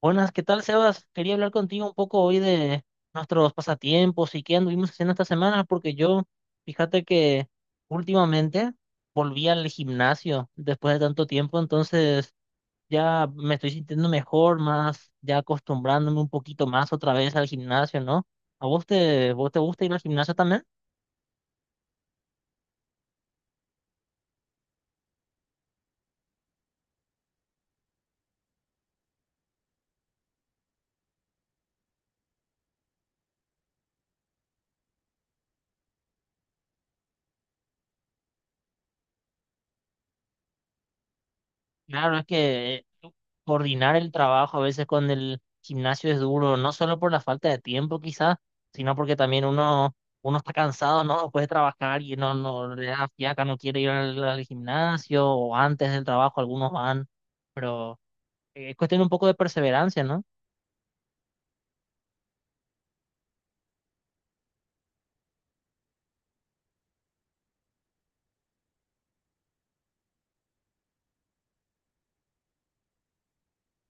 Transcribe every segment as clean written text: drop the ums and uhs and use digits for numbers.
Buenas, ¿qué tal, Sebas? Quería hablar contigo un poco hoy de nuestros pasatiempos y qué anduvimos haciendo esta semana, porque yo, fíjate que últimamente volví al gimnasio después de tanto tiempo, entonces ya me estoy sintiendo mejor, más ya acostumbrándome un poquito más otra vez al gimnasio, ¿no? ¿A vos te gusta ir al gimnasio también? Claro, es que coordinar el trabajo a veces con el gimnasio es duro, no solo por la falta de tiempo quizás, sino porque también uno está cansado, ¿no? Puede trabajar y no le da fiaca, no quiere ir al gimnasio o antes del trabajo algunos van, pero es cuestión un poco de perseverancia, ¿no?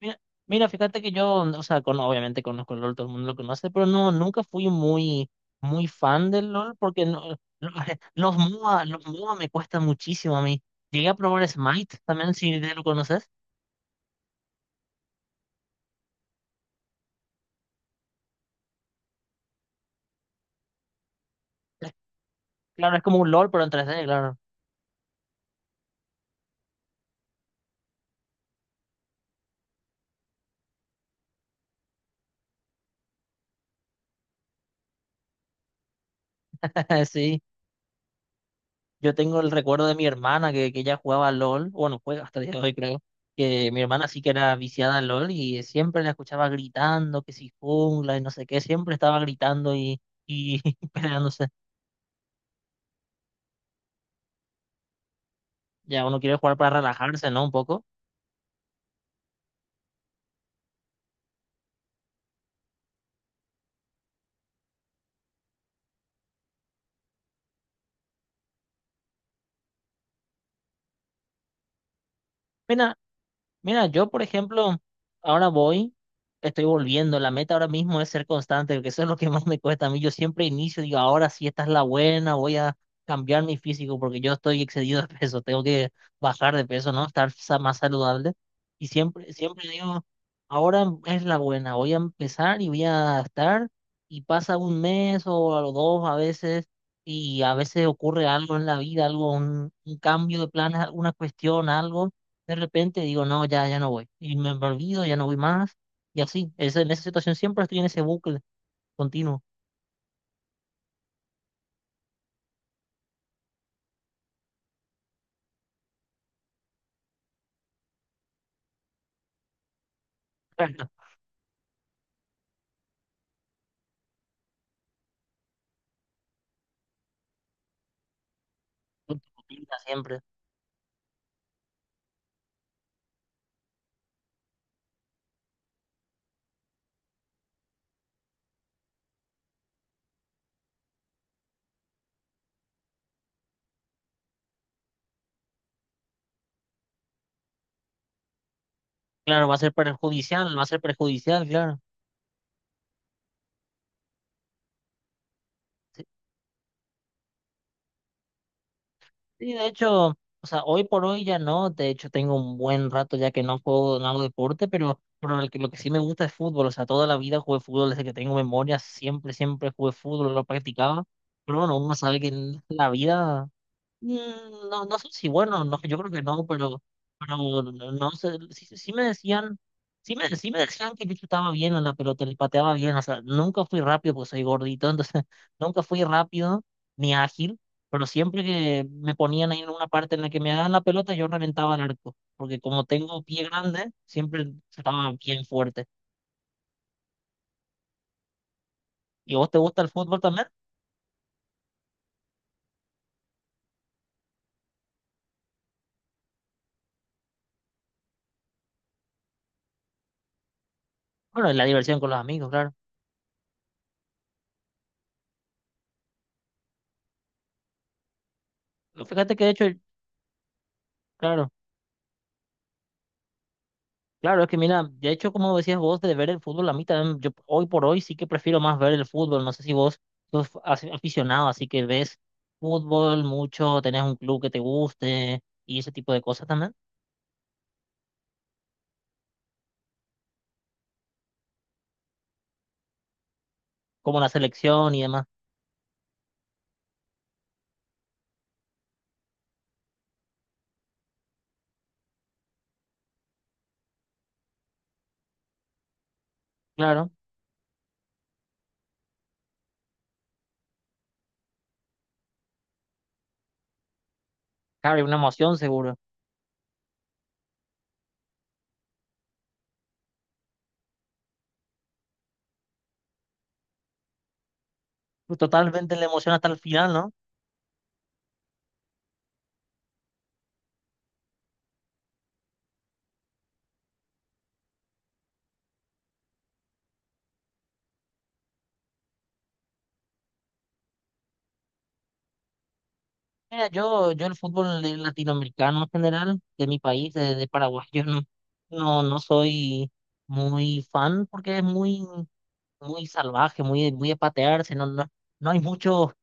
Mira, mira, fíjate que yo, o sea, con, obviamente conozco el LOL, todo el mundo lo conoce, pero no, nunca fui muy, muy fan del LOL porque no, los MOA, los MOA me cuestan muchísimo a mí. Llegué a probar Smite también, si lo conoces. Es- Claro, es como un LOL, pero en 3D, claro. Sí, yo tengo el recuerdo de mi hermana que ella jugaba al LOL, bueno, juega hasta el día de hoy, creo. Que mi hermana sí que era viciada al LOL y siempre la escuchaba gritando, que si jungla y no sé qué, siempre estaba gritando y peleándose. Ya uno quiere jugar para relajarse, ¿no? Un poco. Mira, Mira, yo por ejemplo, ahora voy, estoy volviendo, la meta ahora mismo es ser constante, porque eso es lo que más me cuesta a mí. Yo siempre inicio, digo, ahora sí, esta es la buena, voy a cambiar mi físico porque yo estoy excedido de peso, tengo que bajar de peso, ¿no? Estar más saludable. Y siempre, siempre digo, ahora es la buena, voy a empezar y voy a estar, y pasa un mes o a los dos a veces, y a veces ocurre algo en la vida, algo, un cambio de planes, alguna cuestión, algo de repente digo, no, ya, ya no voy. Y me olvido, ya no voy más. Y así, es, en esa situación siempre estoy en ese bucle continuo. Rutina siempre. Claro, va a ser perjudicial, va a ser perjudicial, claro. Sí, sí, de hecho, o sea, hoy por hoy ya no. De hecho, tengo un buen rato ya que no juego, no hago deporte, pero lo que sí me gusta es fútbol. O sea, toda la vida jugué fútbol desde que tengo memoria. Siempre, siempre jugué fútbol, lo practicaba. Pero bueno, uno sabe que en la vida... Mm, no, no sé si bueno, no, yo creo que no, pero no no sé, sí, sí me decían, sí sí me decían que yo chutaba bien a la pelota, le pateaba bien, o sea, nunca fui rápido porque soy gordito, entonces nunca fui rápido ni ágil, pero siempre que me ponían ahí en una parte en la que me daban la pelota, yo reventaba el arco, porque como tengo pie grande, siempre estaba bien fuerte. ¿Y vos te gusta el fútbol también? Bueno, y la diversión con los amigos, claro. Fíjate que de hecho, claro. Claro, es que mira, de hecho, como decías vos, de ver el fútbol, a mí también, yo hoy por hoy sí que prefiero más ver el fútbol. No sé si vos sos aficionado, así que ves fútbol mucho, tenés un club que te guste y ese tipo de cosas también, como la selección y demás. Claro, claro, hay una emoción seguro. Pues totalmente la emoción hasta el final, ¿no? Mira, yo el fútbol latinoamericano en general, de mi país, de Paraguay, yo no, no, no soy muy fan porque es muy muy salvaje, muy, muy de patearse, no, no, no hay mucho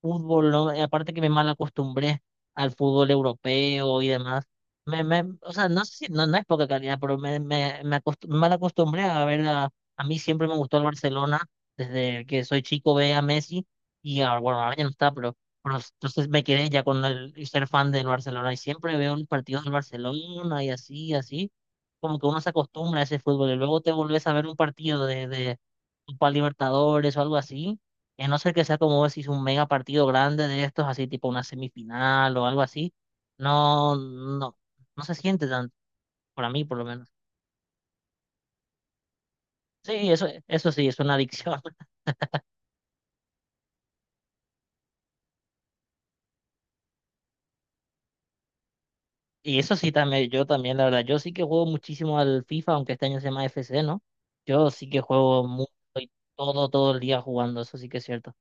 fútbol, ¿no? Y aparte que me mal acostumbré al fútbol europeo y demás. O sea, no sé si, no, no es poca calidad, pero me mal acostumbré a ver a mí siempre me gustó el Barcelona, desde que soy chico ve a Messi y ahora, bueno, ahora ya no está, pero entonces me quedé ya con el y ser fan del Barcelona y siempre veo los partidos del Barcelona y así, así como que uno se acostumbra a ese fútbol y luego te volvés a ver un partido de Copa Libertadores o algo así, y a no ser que sea como vos decís, un mega partido grande de estos, así tipo una semifinal o algo así, no, no, no se siente tanto, para mí por lo menos. Sí, eso sí, es una adicción. Y eso sí también, yo también, la verdad, yo sí que juego muchísimo al FIFA, aunque este año se llama FC, ¿no? Yo sí que juego mucho y todo, todo el día jugando, eso sí que es cierto.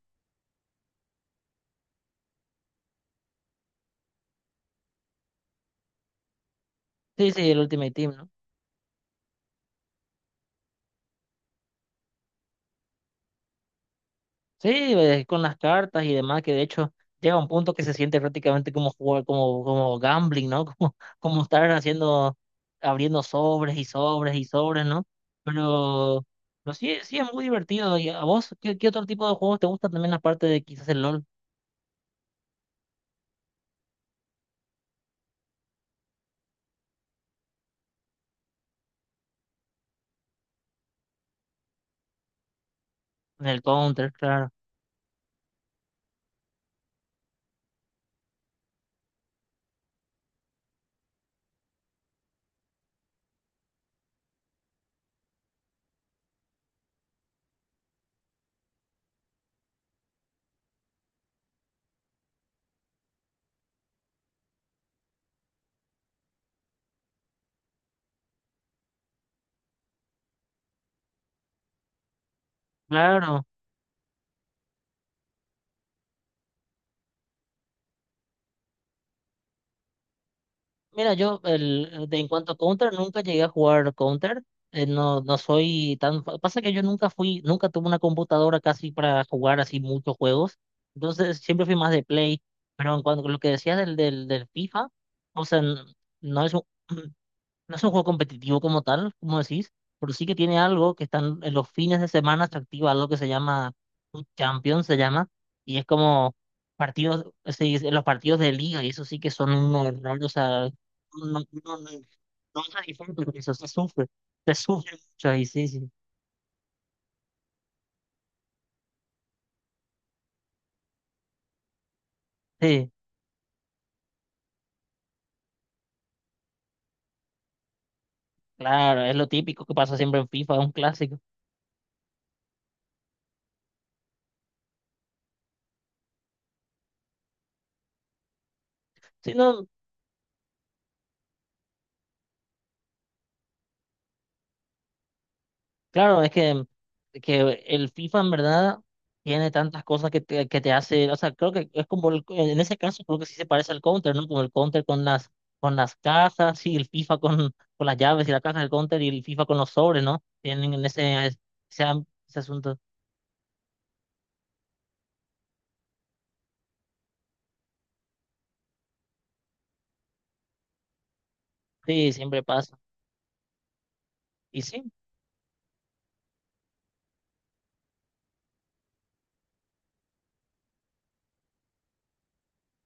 Sí, sí, el Ultimate Team, ¿no? Sí, con las cartas y demás, que de hecho llega un punto que se siente prácticamente como jugar, como, como gambling, ¿no? Como, como estar haciendo, abriendo sobres y sobres y sobres, ¿no? Pero, pero sí, sí es muy divertido. ¿Y a vos qué, qué otro tipo de juegos te gustan también aparte de quizás el LOL, el Counter, claro. Claro. Mira, yo el, de, en cuanto a Counter, nunca llegué a jugar Counter. No, no soy tan... Pasa que yo nunca fui, nunca tuve una computadora casi para jugar así muchos juegos. Entonces siempre fui más de Play. Pero en cuanto a lo que decías del, del, del FIFA, o sea, no es un... No es un juego competitivo como tal, como decís, pero sí que tiene algo que están en los fines de semana se activa algo que se llama un Champion, se llama, y es como partidos, se dice, los partidos de liga, y eso sí que son un horror, o sea, no, no, no, no se disfruta con eso, se sufre mucho, y sí, sí, sí, claro, es lo típico que pasa siempre en FIFA, es un clásico. Sí, no, claro, es que el FIFA en verdad tiene tantas cosas que te hace, o sea, creo que es como, en ese caso creo que sí se parece al Counter, ¿no? Como el Counter con las cajas y el FIFA con las llaves y la caja del Counter y el FIFA con los sobres, ¿no? Tienen en ese, ese, ese asunto. Sí, siempre pasa. Y sí,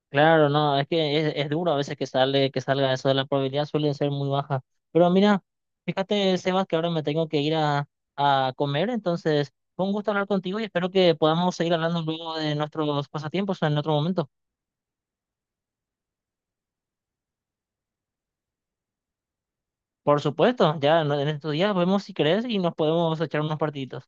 claro, no, es que es duro a veces que sale, que salga eso de la probabilidad, suele ser muy baja. Pero mira, fíjate, Sebas, que ahora me tengo que ir a comer, entonces fue un gusto hablar contigo y espero que podamos seguir hablando luego de nuestros pasatiempos en otro momento. Por supuesto, ya en estos días vemos si crees y nos podemos echar unos partiditos.